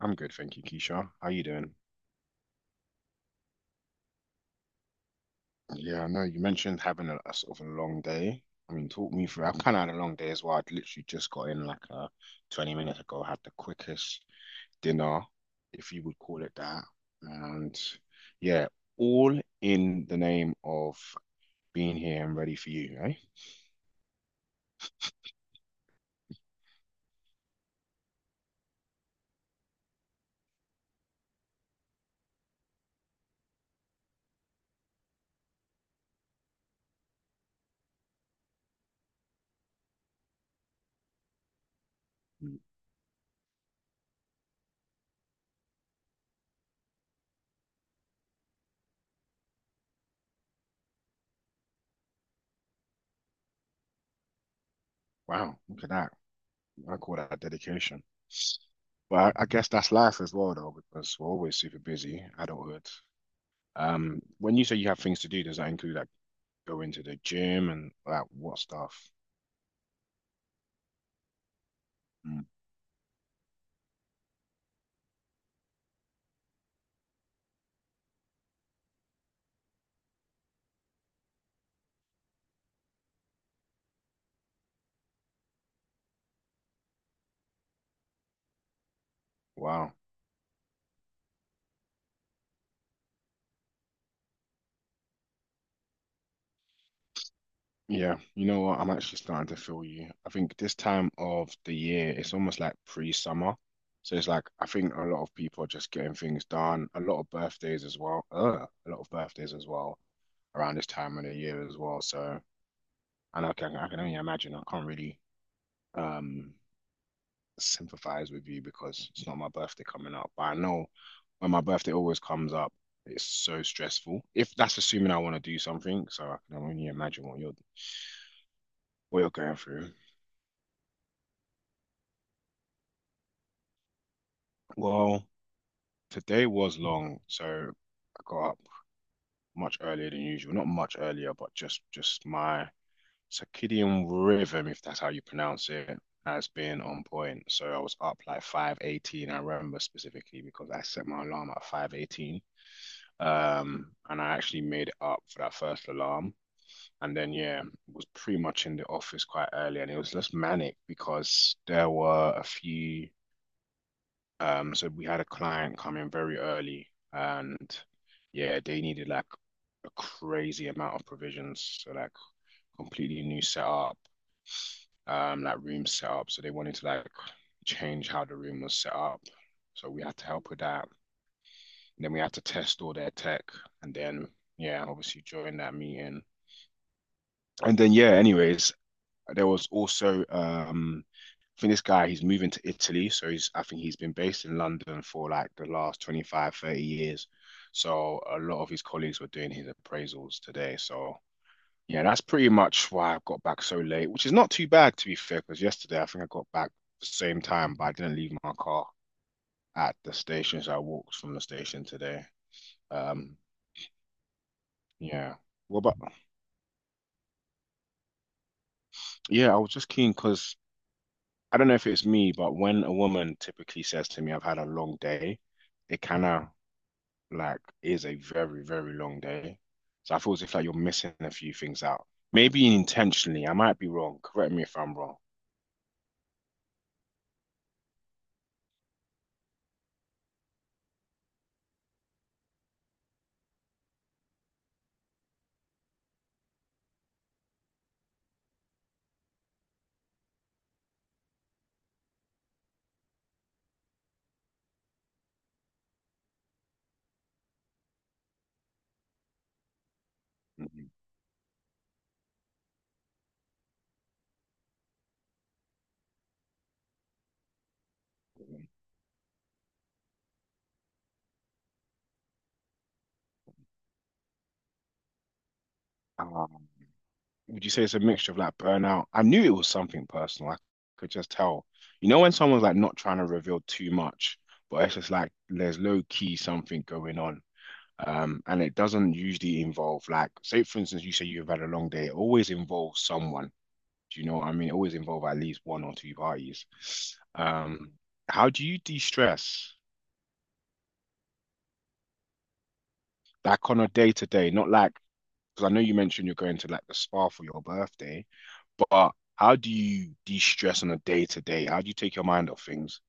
I'm good, thank you, Keisha. How you doing? Yeah, I know you mentioned having a sort of a long day. I mean, talk me through. I've kind of had a long day as well. I'd literally just got in like 20 minutes ago, had the quickest dinner, if you would call it that. And yeah, all in the name of being here and ready for you, eh? Mm. Wow, look at that. I call that dedication. But I guess that's life as well, though, because we're always super busy, adulthood. When you say you have things to do, does that include like going to the gym and like what stuff? Mm. Wow. Yeah, you know what? I'm actually starting to feel you. I think this time of the year, it's almost like pre-summer. So it's like I think a lot of people are just getting things done. A lot of birthdays as well. A lot of birthdays as well around this time of the year as well. So and I can only imagine. I can't really um sympathize with you because it's not my birthday coming up. But I know when my birthday always comes up, it's so stressful. If that's assuming I want to do something, so I can only imagine what you're going through. Well, today was long, so I got up much earlier than usual. Not much earlier, but just my circadian rhythm, if that's how you pronounce it, has been on point. So I was up like 5:18. I remember specifically because I set my alarm at 5:18. And I actually made it up for that first alarm. And then, yeah, was pretty much in the office quite early, and it was just manic because there were a few. So we had a client come in very early, and yeah, they needed like a crazy amount of provisions, so like completely new setup, like room setup. So they wanted to like change how the room was set up. So we had to help with that. And then we had to test all their tech, and then yeah, obviously during that meeting. And then yeah, anyways, there was also I think this guy, he's moving to Italy, so he's I think he's been based in London for like the last 25, 30 years. So a lot of his colleagues were doing his appraisals today. So yeah, that's pretty much why I got back so late, which is not too bad to be fair, because yesterday I think I got back the same time, but I didn't leave my car at the station, so I walked from the station today. Um yeah. Well, but yeah, I was just keen because I don't know if it's me, but when a woman typically says to me, I've had a long day, it kind of like is a very, very long day. So I feel as if like you're missing a few things out. Maybe intentionally, I might be wrong. Correct me if I'm wrong. Mhm. Um, would you say it's a mixture of like burnout? I knew it was something personal. I could just tell. You know, when someone's like not trying to reveal too much, but it's just like there's low key something going on. And it doesn't usually involve like, say for instance, you say you've had a long day, it always involves someone. Do you know what I mean? It always involves at least one or two parties. Um, how do you de-stress like on a day to day? Not like, because I know you mentioned you're going to like the spa for your birthday, but how do you de-stress on a day to day? How do you take your mind off things?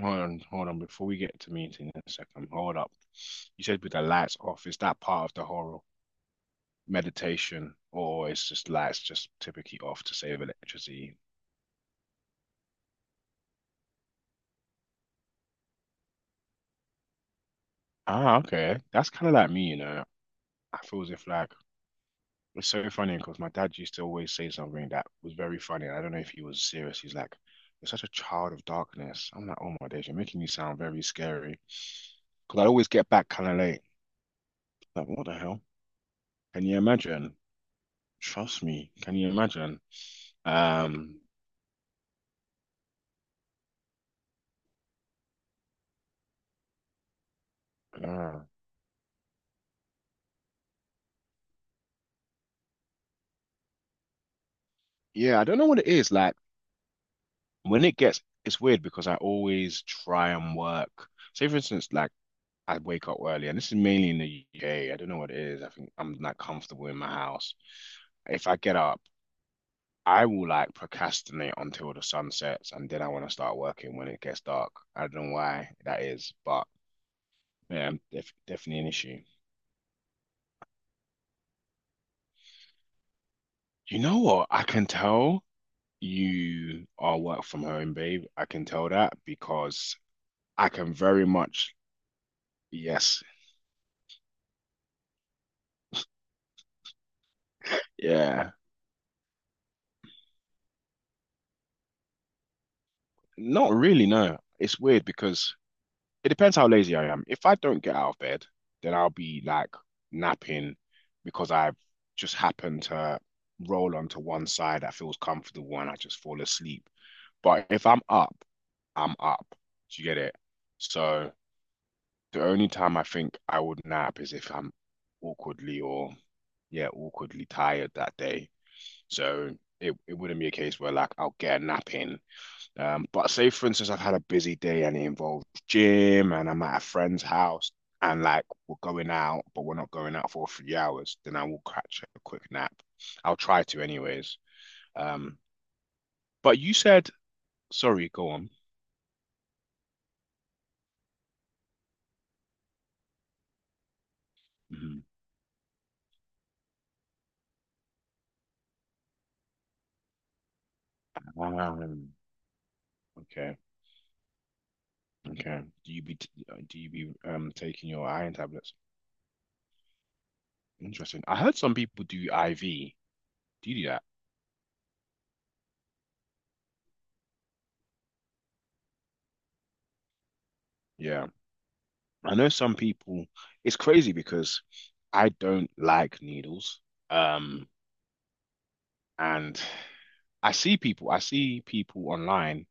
Hold on, hold on, before we get to meeting in a second, hold up. You said with the lights off, is that part of the horror? Meditation, or it's just lights just typically off to save electricity. Ah, okay. That's kind of like me, you know. I feel as if like it's so funny because my dad used to always say something that was very funny, and I don't know if he was serious. He's like, "You're such a child of darkness." I'm like, "Oh my days, you're making me sound very scary." Because I always get back kind of late. Like, what the hell? Can you imagine? Trust me. Can you imagine? Um, uh, yeah, I don't know what it is. Like, when it gets, it's weird because I always try and work. Say, for instance, like I wake up early, and this is mainly in the UK. I don't know what it is. I think I'm not comfortable in my house. If I get up, I will like procrastinate until the sun sets, and then I want to start working when it gets dark. I don't know why that is, but yeah, definitely an issue. You know what? I can tell you are work from home, babe. I can tell that because I can very much, yes. Yeah. Not really, no. It's weird because it depends how lazy I am. If I don't get out of bed, then I'll be like napping because I've just happened to roll onto one side that feels comfortable and I just fall asleep. But if I'm up, I'm up. Do you get it? So the only time I think I would nap is if I'm awkwardly or yeah, awkwardly tired that day. So it wouldn't be a case where like I'll get a nap in but say for instance, I've had a busy day and it involves gym and I'm at a friend's house and like we're going out, but we're not going out for 3 hours, then I will catch a quick nap. I'll try to anyways. Um, but you said, sorry, go on. Mhm. Um, okay, okay. Do you be taking your iron tablets? Interesting. I heard some people do IV. Do you do that? Yeah. I know some people, it's crazy because I don't like needles. Um, And I see people online,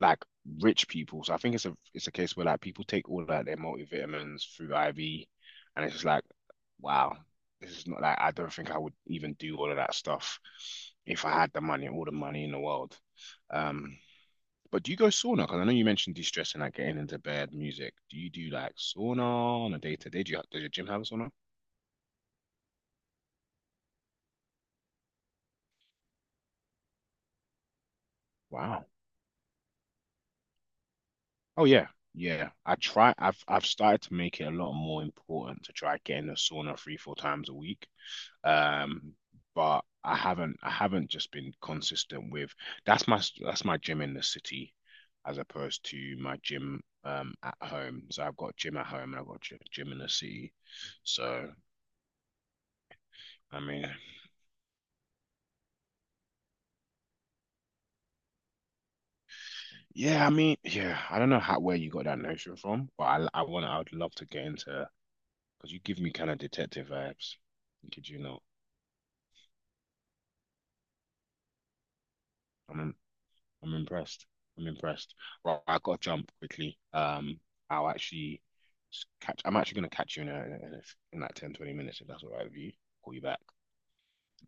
like rich people. So I think it's a case where like people take all like their multivitamins through IV, and it's just like, wow, this is not like I don't think I would even do all of that stuff if I had the money, all the money in the world. Um, but do you go sauna? Because I know you mentioned de-stressing, like getting into bed, music. Do you do like sauna on a day to day? Do you, does your gym have a sauna? Wow. Oh yeah, yeah. I try. I've started to make it a lot more important to try getting a sauna three, four times a week. Um, but I haven't just been consistent with that's my gym in the city as opposed to my gym at home. So I've got a gym at home and I've got a gym in the city. So I mean, yeah, I mean, yeah. I don't know how where you got that notion from, but I want I would love to get into because you give me kind of detective vibes. Could you not? I mean, I'm impressed. I'm impressed. Well, I got to jump quickly. I'll actually catch. I'm actually gonna catch you in in like 10, 20 minutes if that's all right with you. Call you back.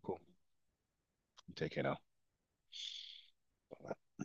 Cool. Take care now. Bye.